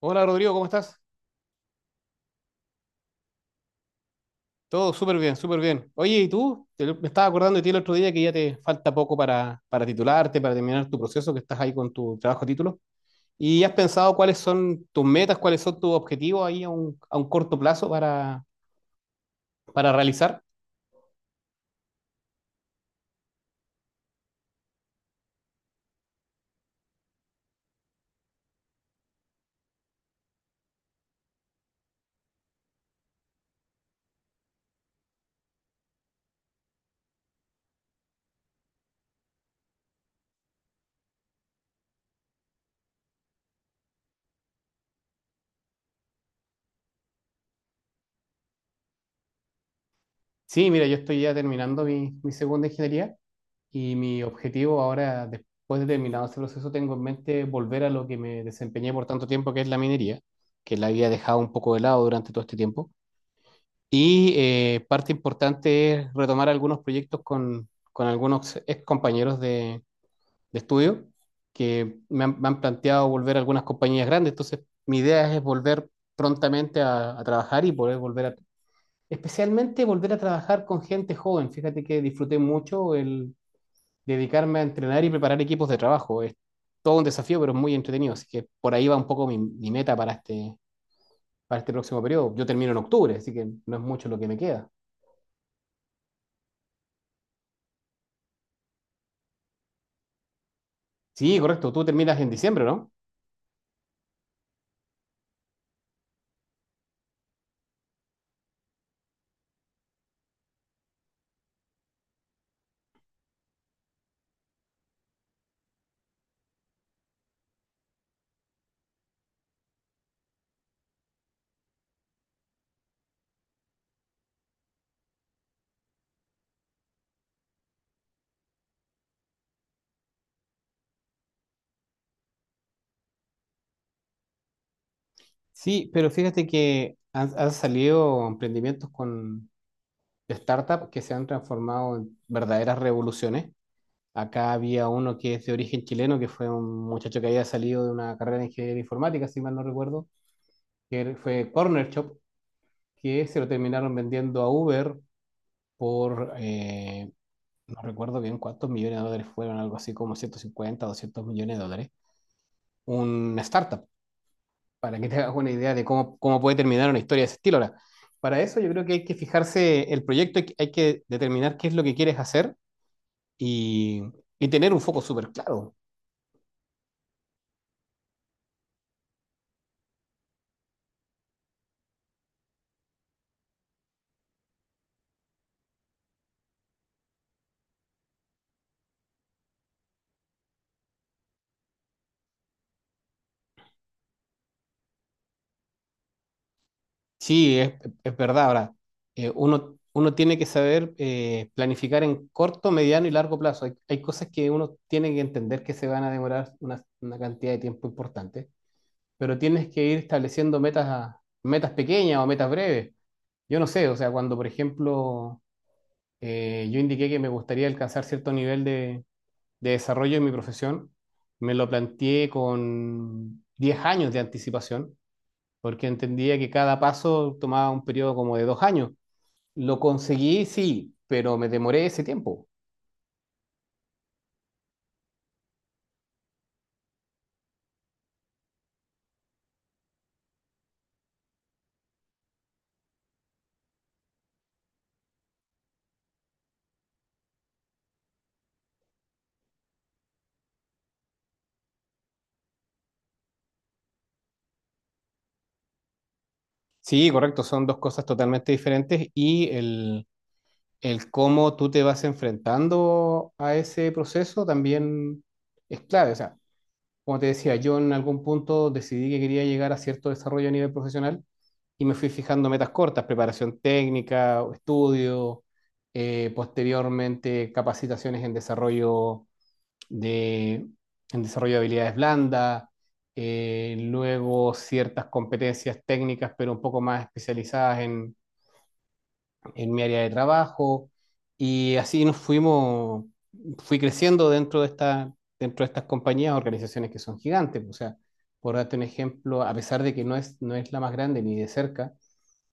Hola Rodrigo, ¿cómo estás? Todo súper bien, súper bien. Oye, ¿y tú? Me estaba acordando de ti el otro día que ya te falta poco para titularte, para terminar tu proceso, que estás ahí con tu trabajo título. ¿Y has pensado cuáles son tus metas, cuáles son tus objetivos ahí a un, corto plazo para realizar? Sí, mira, yo estoy ya terminando mi segunda ingeniería y mi objetivo ahora, después de terminado este proceso, tengo en mente volver a lo que me desempeñé por tanto tiempo, que es la minería, que la había dejado un poco de lado durante todo este tiempo. Y parte importante es retomar algunos proyectos con, algunos ex compañeros de, estudio que me han planteado volver a algunas compañías grandes. Entonces, mi idea es volver prontamente a trabajar y poder especialmente volver a trabajar con gente joven. Fíjate que disfruté mucho el dedicarme a entrenar y preparar equipos de trabajo. Es todo un desafío, pero es muy entretenido. Así que por ahí va un poco mi, meta para este próximo periodo. Yo termino en octubre, así que no es mucho lo que me queda. Sí, correcto, tú terminas en diciembre, ¿no? Sí, pero fíjate que han salido emprendimientos con de startup que se han transformado en verdaderas revoluciones. Acá había uno que es de origen chileno, que fue un muchacho que había salido de una carrera de ingeniería informática, si mal no recuerdo, fue Corner Shop, que se lo terminaron vendiendo a Uber por, eh, no recuerdo bien cuántos millones de dólares fueron, algo así como 150, 200 millones de dólares. Una startup, para que te hagas una idea de cómo, puede terminar una historia de ese estilo. Ahora, para eso yo creo que hay que fijarse el proyecto, hay que determinar qué es lo que quieres hacer y, y tener un foco súper claro. Sí, es, verdad. Ahora, uno tiene que saber planificar en corto, mediano y largo plazo. hay, cosas que uno tiene que entender que se van a demorar una cantidad de tiempo importante, pero tienes que ir estableciendo metas, metas pequeñas o metas breves. Yo no sé, o sea, cuando por ejemplo yo indiqué que me gustaría alcanzar cierto nivel de desarrollo en mi profesión. Me lo planteé con 10 años de anticipación, porque entendía que cada paso tomaba un periodo como de 2 años. Lo conseguí, sí, pero me demoré ese tiempo. Sí, correcto, son dos cosas totalmente diferentes y el cómo tú te vas enfrentando a ese proceso también es clave. O sea, como te decía, yo en algún punto decidí que quería llegar a cierto desarrollo a nivel profesional y me fui fijando metas cortas, preparación técnica, estudio, posteriormente capacitaciones en desarrollo de, en desarrollo de habilidades blandas, luego ciertas competencias técnicas, pero un poco más especializadas en mi área de trabajo y así fui creciendo dentro de estas compañías, organizaciones que son gigantes, o sea, por darte un ejemplo, a pesar de que no es la más grande ni de cerca,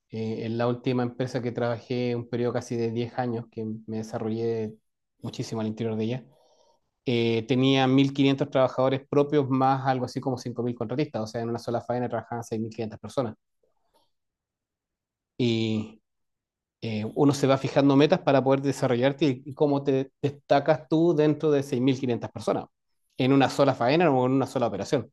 en la última empresa que trabajé un periodo casi de 10 años, que me desarrollé muchísimo al interior de ella, tenía 1.500 trabajadores propios más algo así como 5.000 contratistas, o sea, en una sola faena trabajaban 6.500 personas. Y uno se va fijando metas para poder desarrollarte y cómo te destacas tú dentro de 6.500 personas en una sola faena o en una sola operación.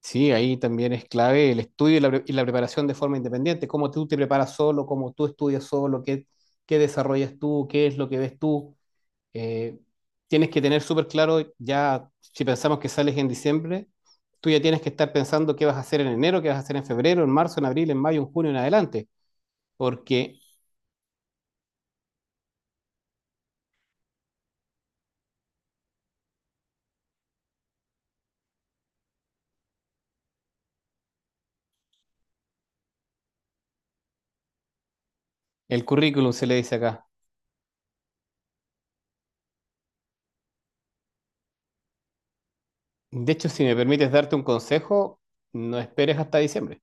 Sí, ahí también es clave el estudio y la preparación de forma independiente, cómo tú te preparas solo, cómo tú estudias solo, qué, desarrollas tú, qué es lo que ves tú. Eh, Tienes que tener súper claro ya, si pensamos que sales en diciembre, tú ya tienes que estar pensando qué vas a hacer en enero, qué vas a hacer en febrero, en marzo, en abril, en mayo, en junio, en adelante, porque el currículum se le dice acá. De hecho, si me permites darte un consejo, no esperes hasta diciembre.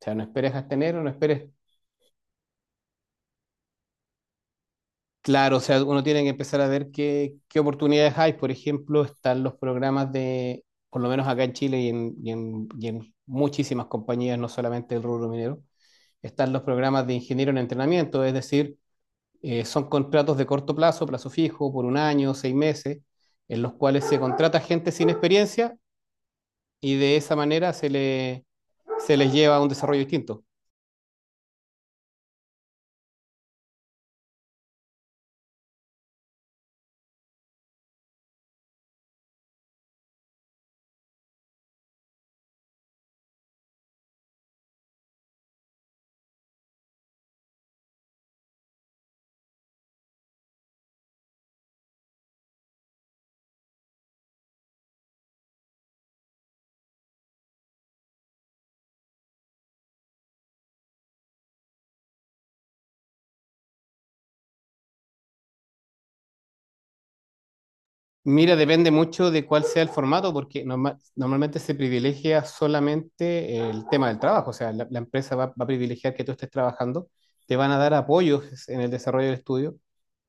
O sea, no esperes hasta enero, no esperes. Claro, o sea, uno tiene que empezar a ver qué oportunidades hay. Por ejemplo, están los programas de, por lo menos acá en Chile y en, y en muchísimas compañías, no solamente el rubro minero, están los programas de ingeniero en entrenamiento, es decir, son contratos de corto plazo, plazo fijo, por un año, 6 meses, en los cuales se contrata gente sin experiencia y de esa manera se les lleva a un desarrollo distinto. Mira, depende mucho de cuál sea el formato, porque normalmente se privilegia solamente el tema del trabajo, o sea, la, empresa va a privilegiar que tú estés trabajando, te van a dar apoyos en el desarrollo del estudio,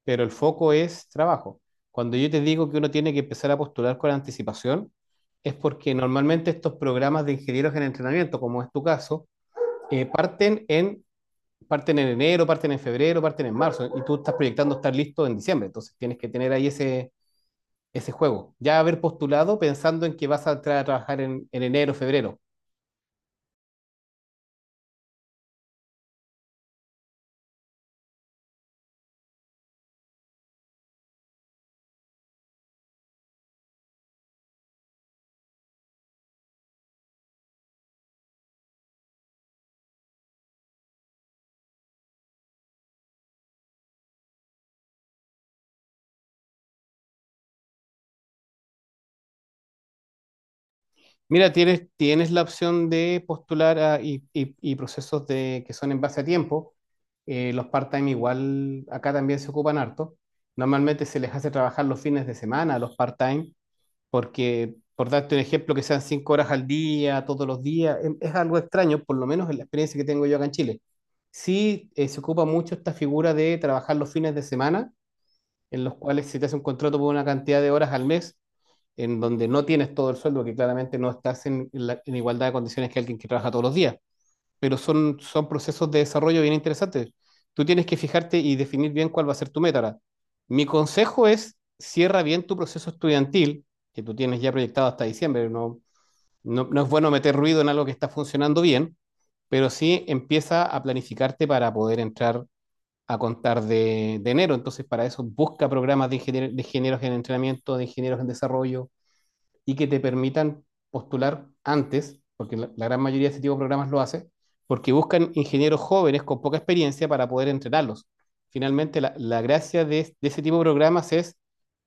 pero el foco es trabajo. Cuando yo te digo que uno tiene que empezar a postular con anticipación, es porque normalmente estos programas de ingenieros en entrenamiento, como es tu caso, eh, parten en, parten en enero, parten en febrero, parten en marzo, y tú estás proyectando estar listo en diciembre, entonces tienes que tener ahí ese juego. Ya haber postulado pensando en que vas a entrar a trabajar en enero, febrero. Mira, tienes la opción de postular y procesos que son en base a tiempo. Los part-time igual acá también se ocupan harto. Normalmente se les hace trabajar los fines de semana a los part-time, porque por darte un ejemplo, que sean 5 horas al día, todos los días, es algo extraño, por lo menos en la experiencia que tengo yo acá en Chile. Sí, se ocupa mucho esta figura de trabajar los fines de semana en los cuales se te hace un contrato por una cantidad de horas al mes, en donde no tienes todo el sueldo, que claramente no estás en, en igualdad de condiciones que alguien que trabaja todos los días, pero son, procesos de desarrollo bien interesantes. Tú tienes que fijarte y definir bien cuál va a ser tu meta. Ahora, mi consejo es, cierra bien tu proceso estudiantil, que tú tienes ya proyectado hasta diciembre, no es bueno meter ruido en algo que está funcionando bien, pero sí empieza a planificarte para poder entrar a contar de, enero. Entonces, para eso busca programas de ingenieros en entrenamiento, de ingenieros en desarrollo y que te permitan postular antes, porque la, gran mayoría de este tipo de programas lo hace, porque buscan ingenieros jóvenes con poca experiencia para poder entrenarlos. Finalmente, la, gracia de ese tipo de programas es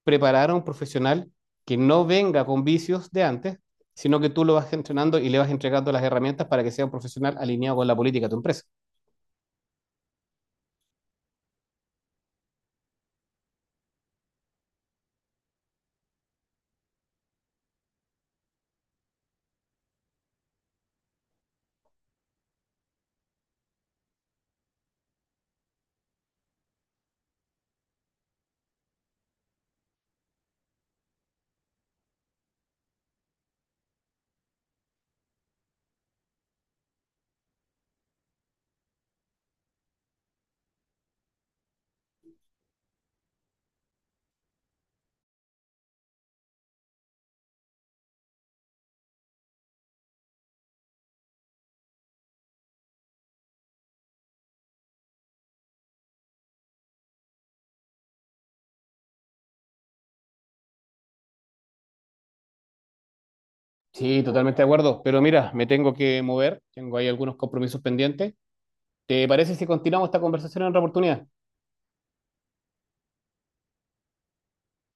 preparar a un profesional que no venga con vicios de antes, sino que tú lo vas entrenando y le vas entregando las herramientas para que sea un profesional alineado con la política de tu empresa. Sí, totalmente de acuerdo. Pero mira, me tengo que mover. Tengo ahí algunos compromisos pendientes. ¿Te parece si continuamos esta conversación en otra oportunidad?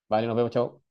Vale, nos vemos, chao.